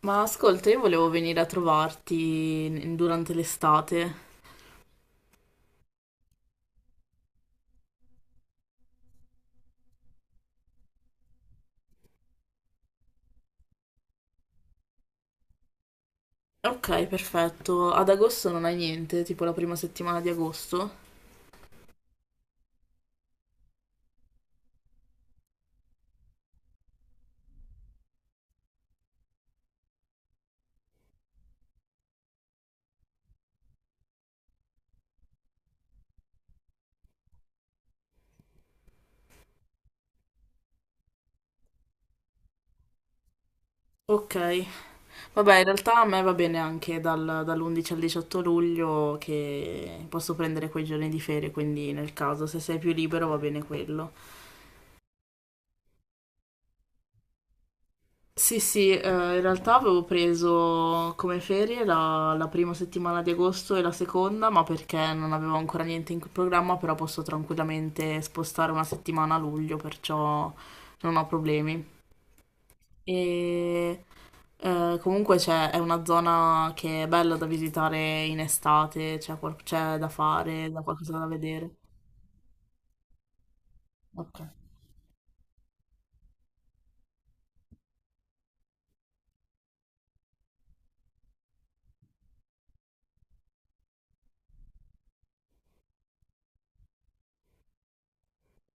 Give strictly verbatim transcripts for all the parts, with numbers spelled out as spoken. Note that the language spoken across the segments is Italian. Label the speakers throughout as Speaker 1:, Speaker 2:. Speaker 1: Ma ascolta, io volevo venire a trovarti in- durante l'estate. Ok, perfetto. Ad agosto non hai niente, tipo la prima settimana di agosto. Ok. Vabbè, in realtà a me va bene anche dal- dall'undici al diciotto luglio, che posso prendere quei giorni di ferie, quindi nel caso se sei più libero va bene quello. Sì, sì, eh, in realtà avevo preso come ferie la, la prima settimana di agosto e la seconda, ma perché non avevo ancora niente in programma, però posso tranquillamente spostare una settimana a luglio, perciò non ho problemi. E eh, comunque c'è, è una zona che è bella da visitare in estate, c'è qual- c'è da fare, da qualcosa da vedere. Ok.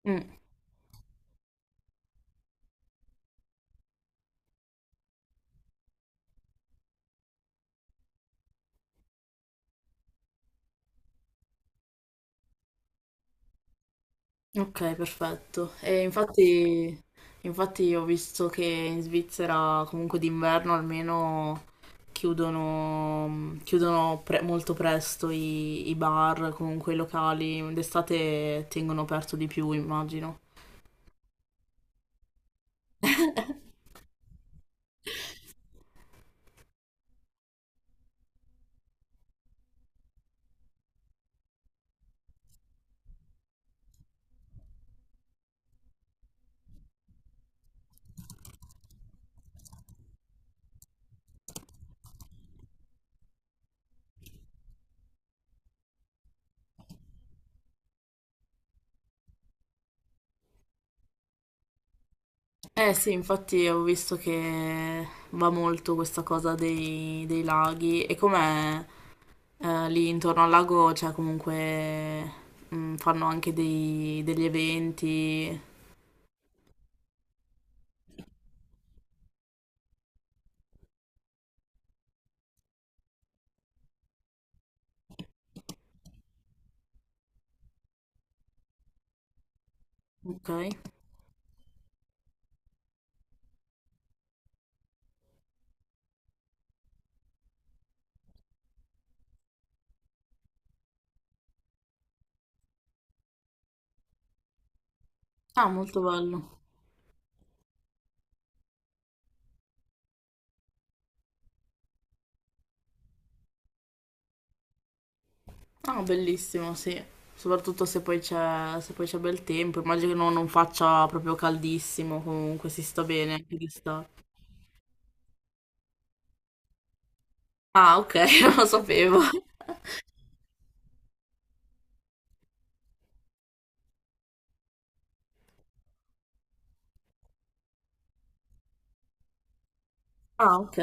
Speaker 1: Mm. Ok, perfetto. E infatti, infatti ho visto che in Svizzera comunque d'inverno almeno chiudono, chiudono pre- molto presto i, i bar, comunque i locali. D'estate tengono aperto di più, immagino. Eh sì, infatti ho visto che va molto questa cosa dei, dei laghi e com'è eh, lì intorno al lago c'è comunque, mm, fanno anche dei- degli eventi, ok? Ah, molto bello. Ah, bellissimo, sì. Soprattutto se poi c'è se poi c'è bel tempo. Immagino che non, non faccia proprio caldissimo, comunque si sta bene anche d'estate. Ah, ok, non lo sapevo. Ah, ok.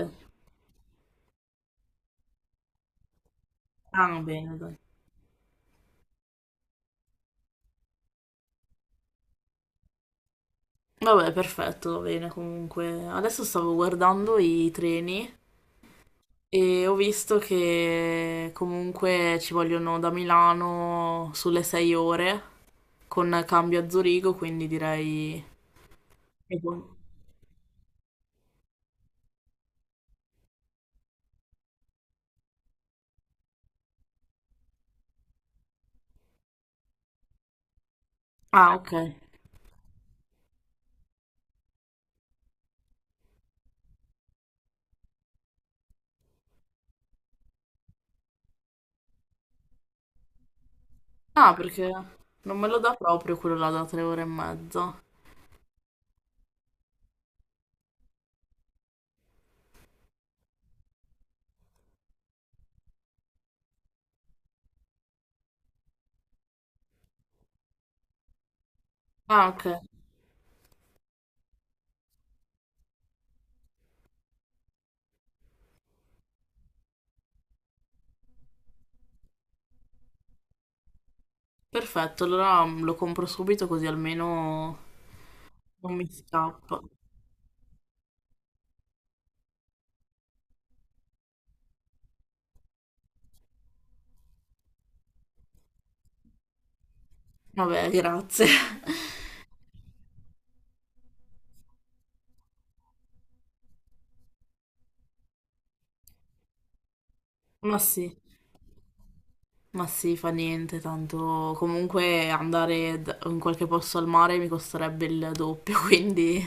Speaker 1: Ah, bene, dai. Vabbè, perfetto, va bene comunque. Adesso stavo guardando i treni e ho visto che comunque ci vogliono da Milano sulle sei ore con cambio a Zurigo, quindi direi... Ah, ok. Ah, perché non me lo dà proprio quello là da tre ore e mezza. Ah, ok, perfetto, allora mm, lo compro subito così almeno non mi scappa. Vabbè, grazie. Ma sì, ma sì, fa niente, tanto comunque andare d- in qualche posto al mare mi costerebbe il doppio, quindi...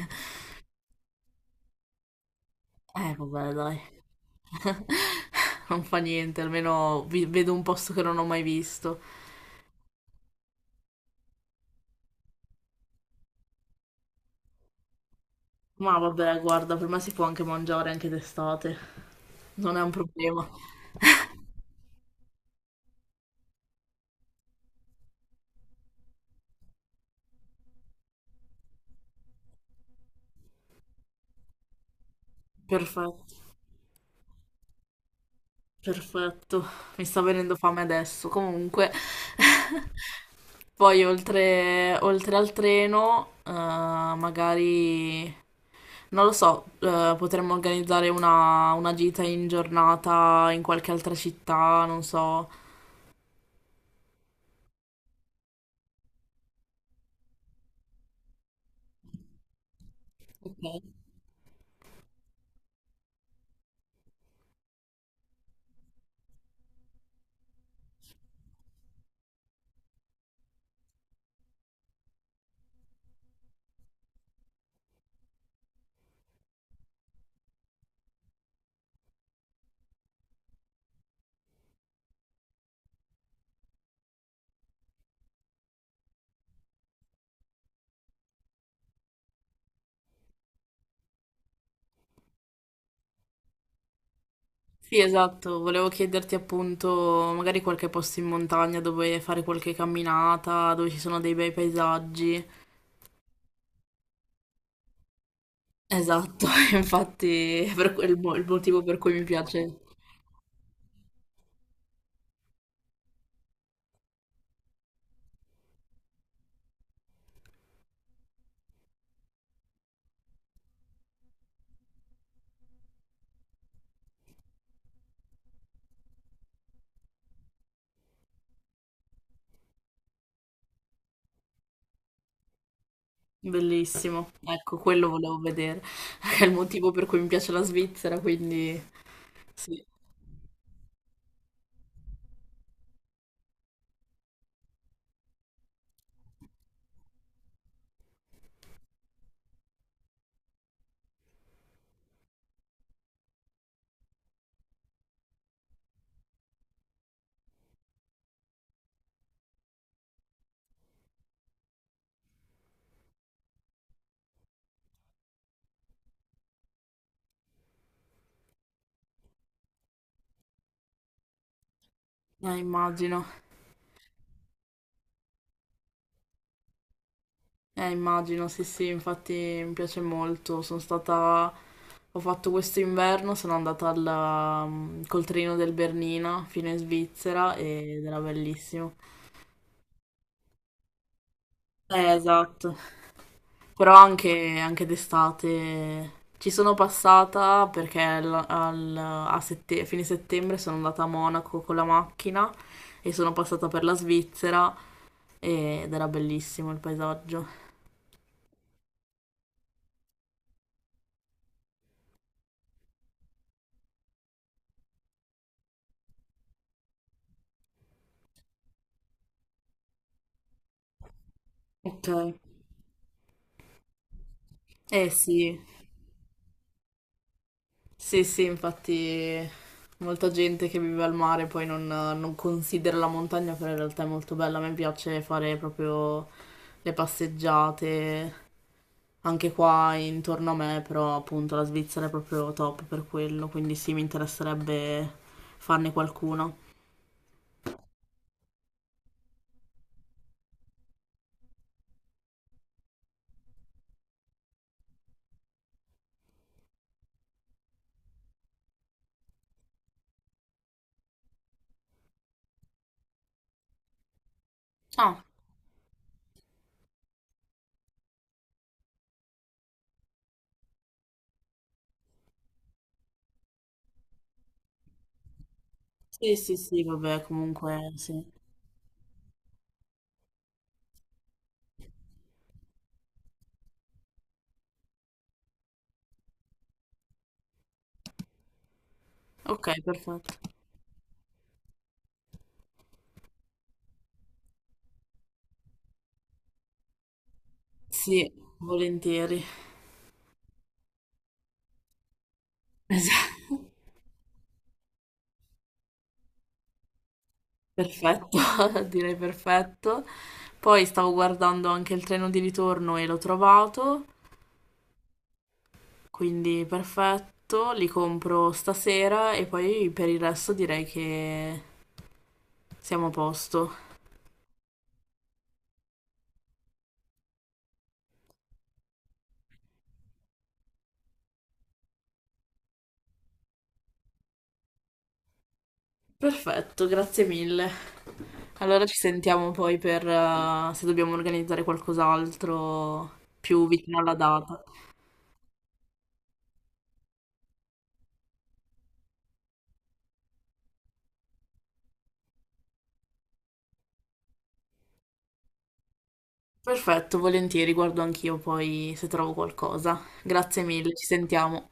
Speaker 1: Eh, vabbè, dai. Non fa niente, almeno vi- vedo un posto che non ho mai visto. Ma vabbè, guarda, per me si può anche mangiare anche d'estate. Non è un problema. Perfetto, perfetto. Mi sta venendo fame adesso. Comunque, poi oltre, oltre al treno, eh, magari, non lo so, eh, potremmo organizzare una, una gita in giornata in qualche altra città, non so. Ok. Sì, esatto. Volevo chiederti appunto, magari qualche posto in montagna dove fare qualche camminata, dove ci sono dei bei paesaggi. Esatto, infatti è per quel mo- il motivo per cui mi piace, bellissimo. Ecco, quello volevo vedere. È il motivo per cui mi piace la Svizzera, quindi sì, eh, immagino. Eh, immagino, sì, sì, infatti mi piace molto. Sono stata, ho fatto questo inverno, sono andata al, mm, col treno del Bernina fino in Svizzera ed era bellissimo. Eh, esatto. Però anche, anche d'estate ci sono passata perché al- al- a, sette- a fine settembre sono andata a Monaco con la macchina e sono passata per la Svizzera ed era bellissimo il paesaggio. Ok. Eh sì, sì, sì, infatti molta gente che vive al mare poi non, non considera la montagna, però in realtà è molto bella. A me piace fare proprio le passeggiate anche qua intorno a me, però appunto la Svizzera è proprio top per quello, quindi sì, mi interesserebbe farne qualcuno. Ah, sì, sì, sì, vabbè, comunque sì. Ok, perfetto. Sì, volentieri. Esatto. Perfetto, direi perfetto. Poi stavo guardando anche il treno di ritorno e l'ho trovato, quindi perfetto, li compro stasera e poi per il resto direi che siamo a posto. Perfetto, grazie mille. Allora ci sentiamo poi per eh, se dobbiamo organizzare qualcos'altro più vicino alla data. Perfetto, volentieri, guardo anch'io poi se trovo qualcosa. Grazie mille, ci sentiamo.